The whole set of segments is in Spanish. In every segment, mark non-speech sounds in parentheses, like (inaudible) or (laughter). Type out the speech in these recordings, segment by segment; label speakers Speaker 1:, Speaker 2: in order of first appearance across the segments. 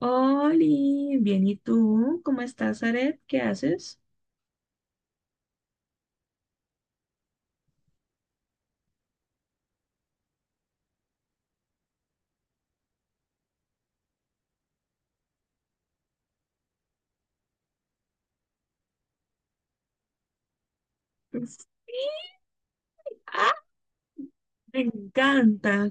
Speaker 1: Oli, bien, ¿y tú? ¿Cómo estás, Aret? ¿Qué haces? Sí, ¡ah! Me encanta.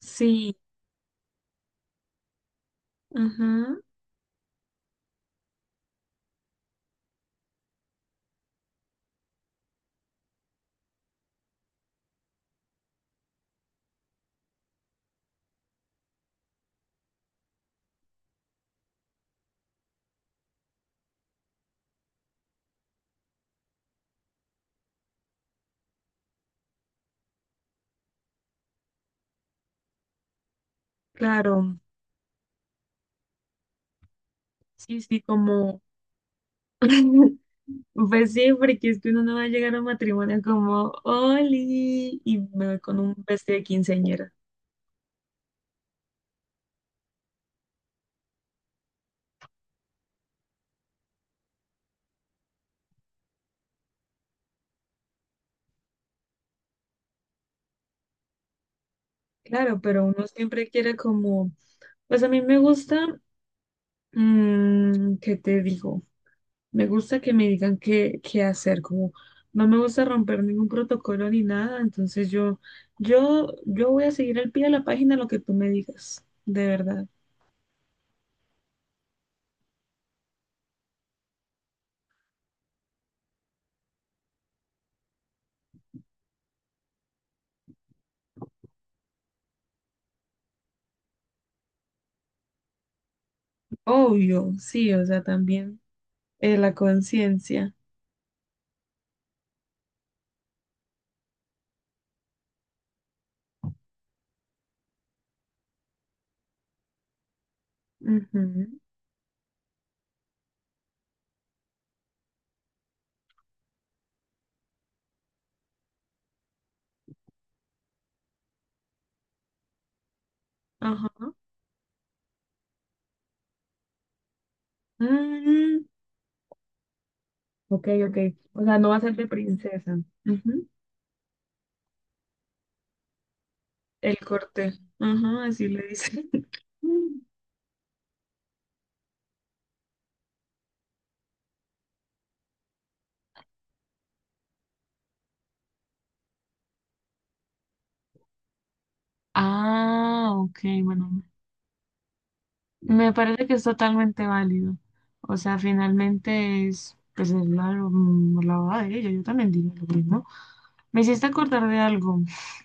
Speaker 1: Sí, ajá, claro. Sí, sí, como. (laughs) Pues sí, porque es que uno no va a llegar a un matrimonio como Oli y me voy con un vestido de quinceañera. Claro, pero uno siempre quiere como. Pues a mí me gusta. Mm, ¿qué te digo? Me gusta que me digan qué, hacer, como no me gusta romper ningún protocolo ni nada, entonces yo voy a seguir al pie de la página lo que tú me digas, de verdad. Obvio, sí, o sea, también la conciencia. Ujú. Ajá. Mm, ok, ok. O sea, no va a ser de princesa. Ujú. El corte. Ajá, así le dice. (laughs) Ah, ok, bueno. Me parece que es totalmente válido. O sea, finalmente es, pues, es la la boda de ella. Yo también diría lo mismo. Me hiciste acordar de algo. Me hiciste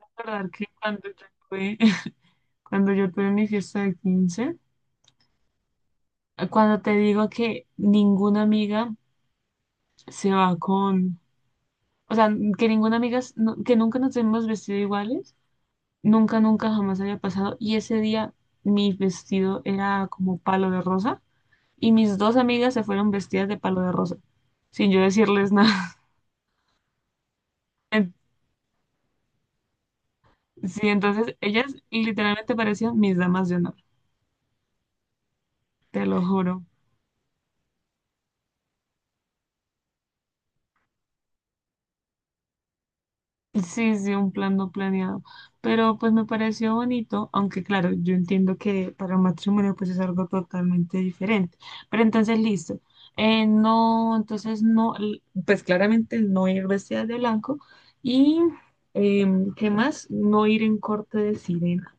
Speaker 1: Acordar que cuando tuve, (laughs) cuando yo tuve mi fiesta de 15 cuando te digo que ninguna amiga se va con, o sea, que ninguna amiga, que nunca nos hemos vestido iguales, nunca, nunca jamás había pasado. Y ese día mi vestido era como palo de rosa, y mis dos amigas se fueron vestidas de palo de rosa, sin yo decirles nada. (laughs) En- Sí, entonces ellas literalmente parecían mis damas de honor, te lo juro. Sí, sí, un plan no planeado. Pero pues me pareció bonito, aunque claro, yo entiendo que para un matrimonio pues es algo totalmente diferente. Pero entonces listo. No, entonces no, pues claramente no ir vestida de blanco. Y ¿qué más? No ir en corte de sirena.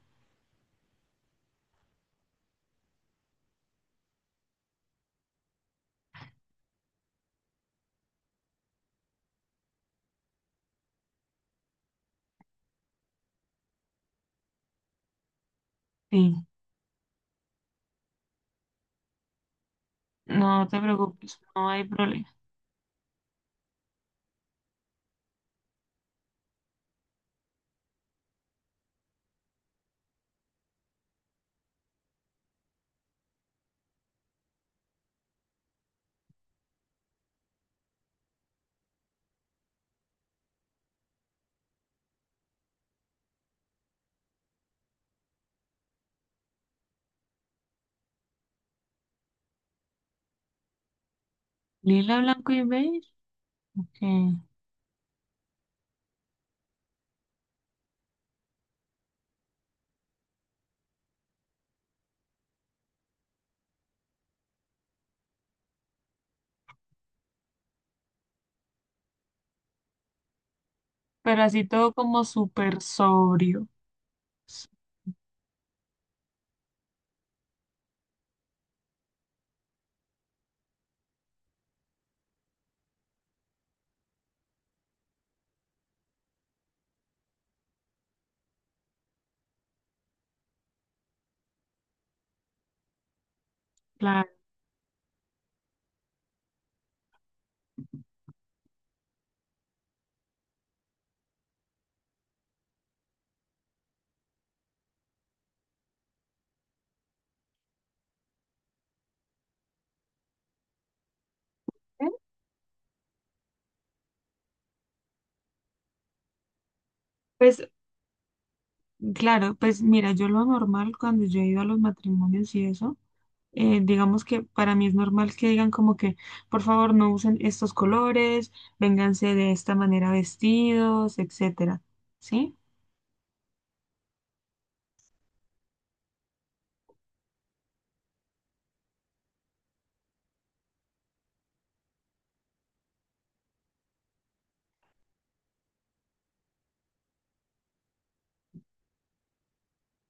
Speaker 1: Sí, no te preocupes, no hay problema. Lila, blanco y beige. Ok. Pero así todo como súper sobrio. Claro. Pues claro, pues mira, yo lo normal cuando yo he ido a los matrimonios y eso, digamos que para mí es normal que digan como que, por favor, no usen estos colores, vénganse de esta manera vestidos, etcétera. ¿Sí?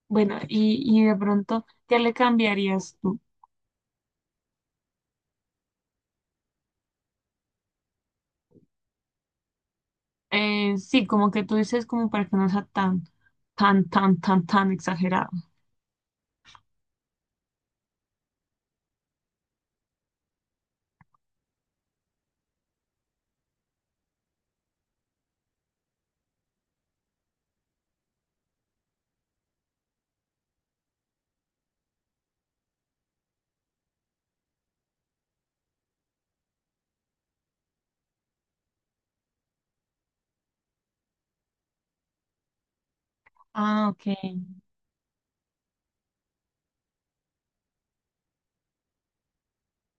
Speaker 1: Bueno, y de pronto, ¿qué le cambiarías tú? Sí, como que tú dices como para que no sea tan exagerado. Ah, ok.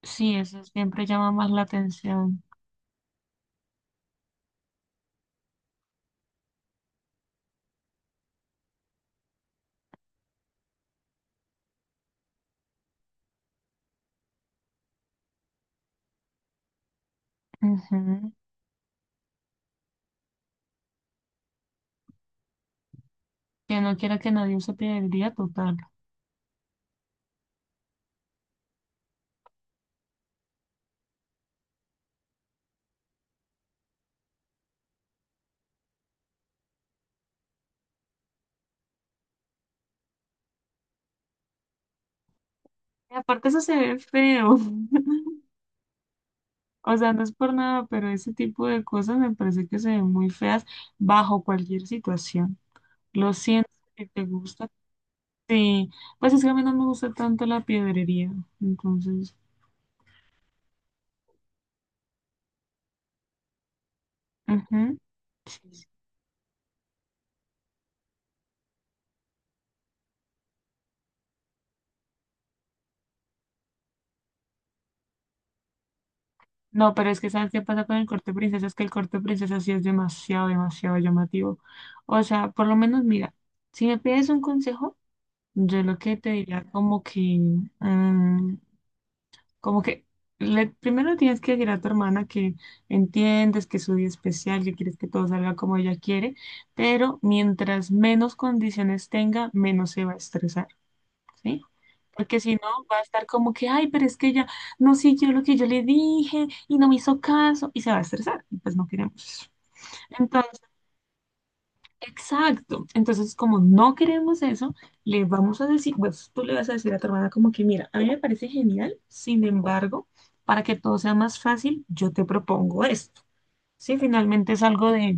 Speaker 1: Sí, eso siempre llama más la atención. Ujú. Que no quiera que nadie use día total. Y aparte eso se ve feo. (laughs) O sea, no es por nada, pero ese tipo de cosas me parece que se ven muy feas bajo cualquier situación. Lo siento que te gusta. Sí, pues es que a mí no me gusta tanto la piedrería. Entonces, ujú. No, pero es que ¿sabes qué pasa con el corte princesa? Es que el corte princesa sí es demasiado, demasiado llamativo. O sea, por lo menos, mira, si me pides un consejo, yo lo que te diría como que, mm, como que primero tienes que decir a tu hermana que entiendes que es su día especial, que quieres que todo salga como ella quiere, pero mientras menos condiciones tenga, menos se va a estresar. ¿Sí? Porque si no, va a estar como que, ay, pero es que ella no siguió lo que yo le dije y no me hizo caso y se va a estresar. Y pues no queremos eso. Entonces, exacto. Entonces, como no queremos eso, le vamos a decir, pues tú le vas a decir a tu hermana como que, mira, a mí me parece genial, sin embargo, para que todo sea más fácil, yo te propongo esto. Sí, finalmente es algo de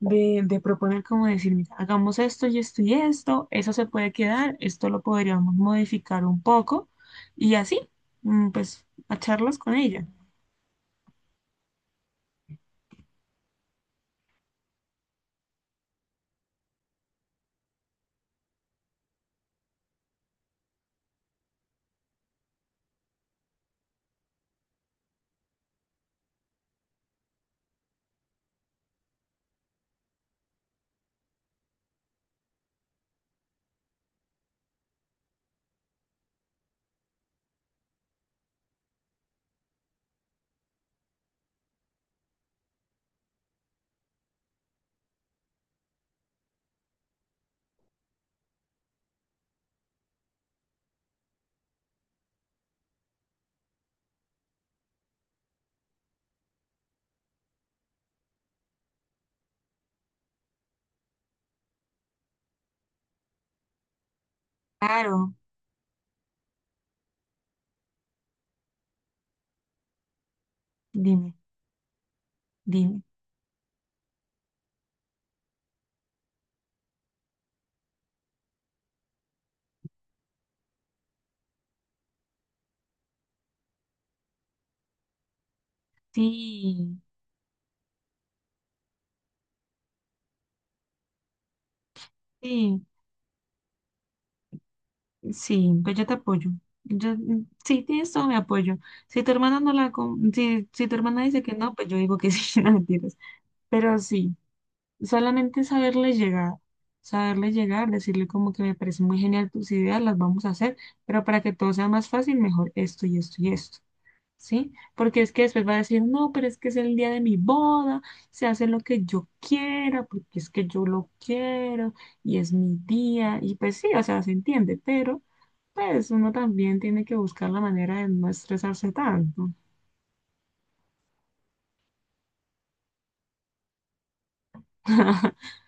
Speaker 1: de, de proponer como decir, mira, hagamos esto y esto y esto, eso se puede quedar, esto lo podríamos modificar un poco y así, mm, pues, a charlas con ella. Claro, dime, dime. Sí, sí, sí, pues yo te apoyo. Yo, mm, sí, tienes todo mi apoyo. Si tu hermana no si tu hermana dice que no, pues yo digo que (laughs) sí, no mentiras. Pero sí. Solamente saberle llegar, decirle como que me parece muy genial tus ideas, las vamos a hacer, pero para que todo sea más fácil, mejor esto y esto y esto, ¿sí? Porque es que después va a decir, no, pero es que es el día de mi boda, se hace lo que yo quiera, porque es que yo lo quiero y es mi día, y pues sí, o sea, se entiende, pero pues uno también tiene que buscar la manera de no estresarse tanto. (laughs)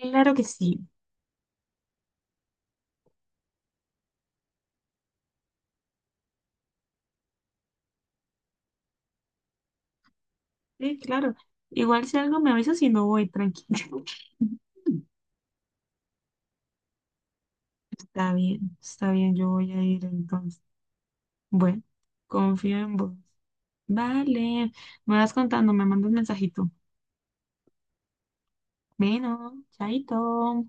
Speaker 1: Claro que sí. Sí, claro. Igual si algo me avisa, si no voy, tranquilo. (laughs) Está bien, yo voy a ir entonces. Bueno, confío en vos. Vale, me vas contando, me mandas un mensajito. Bueno, chaito.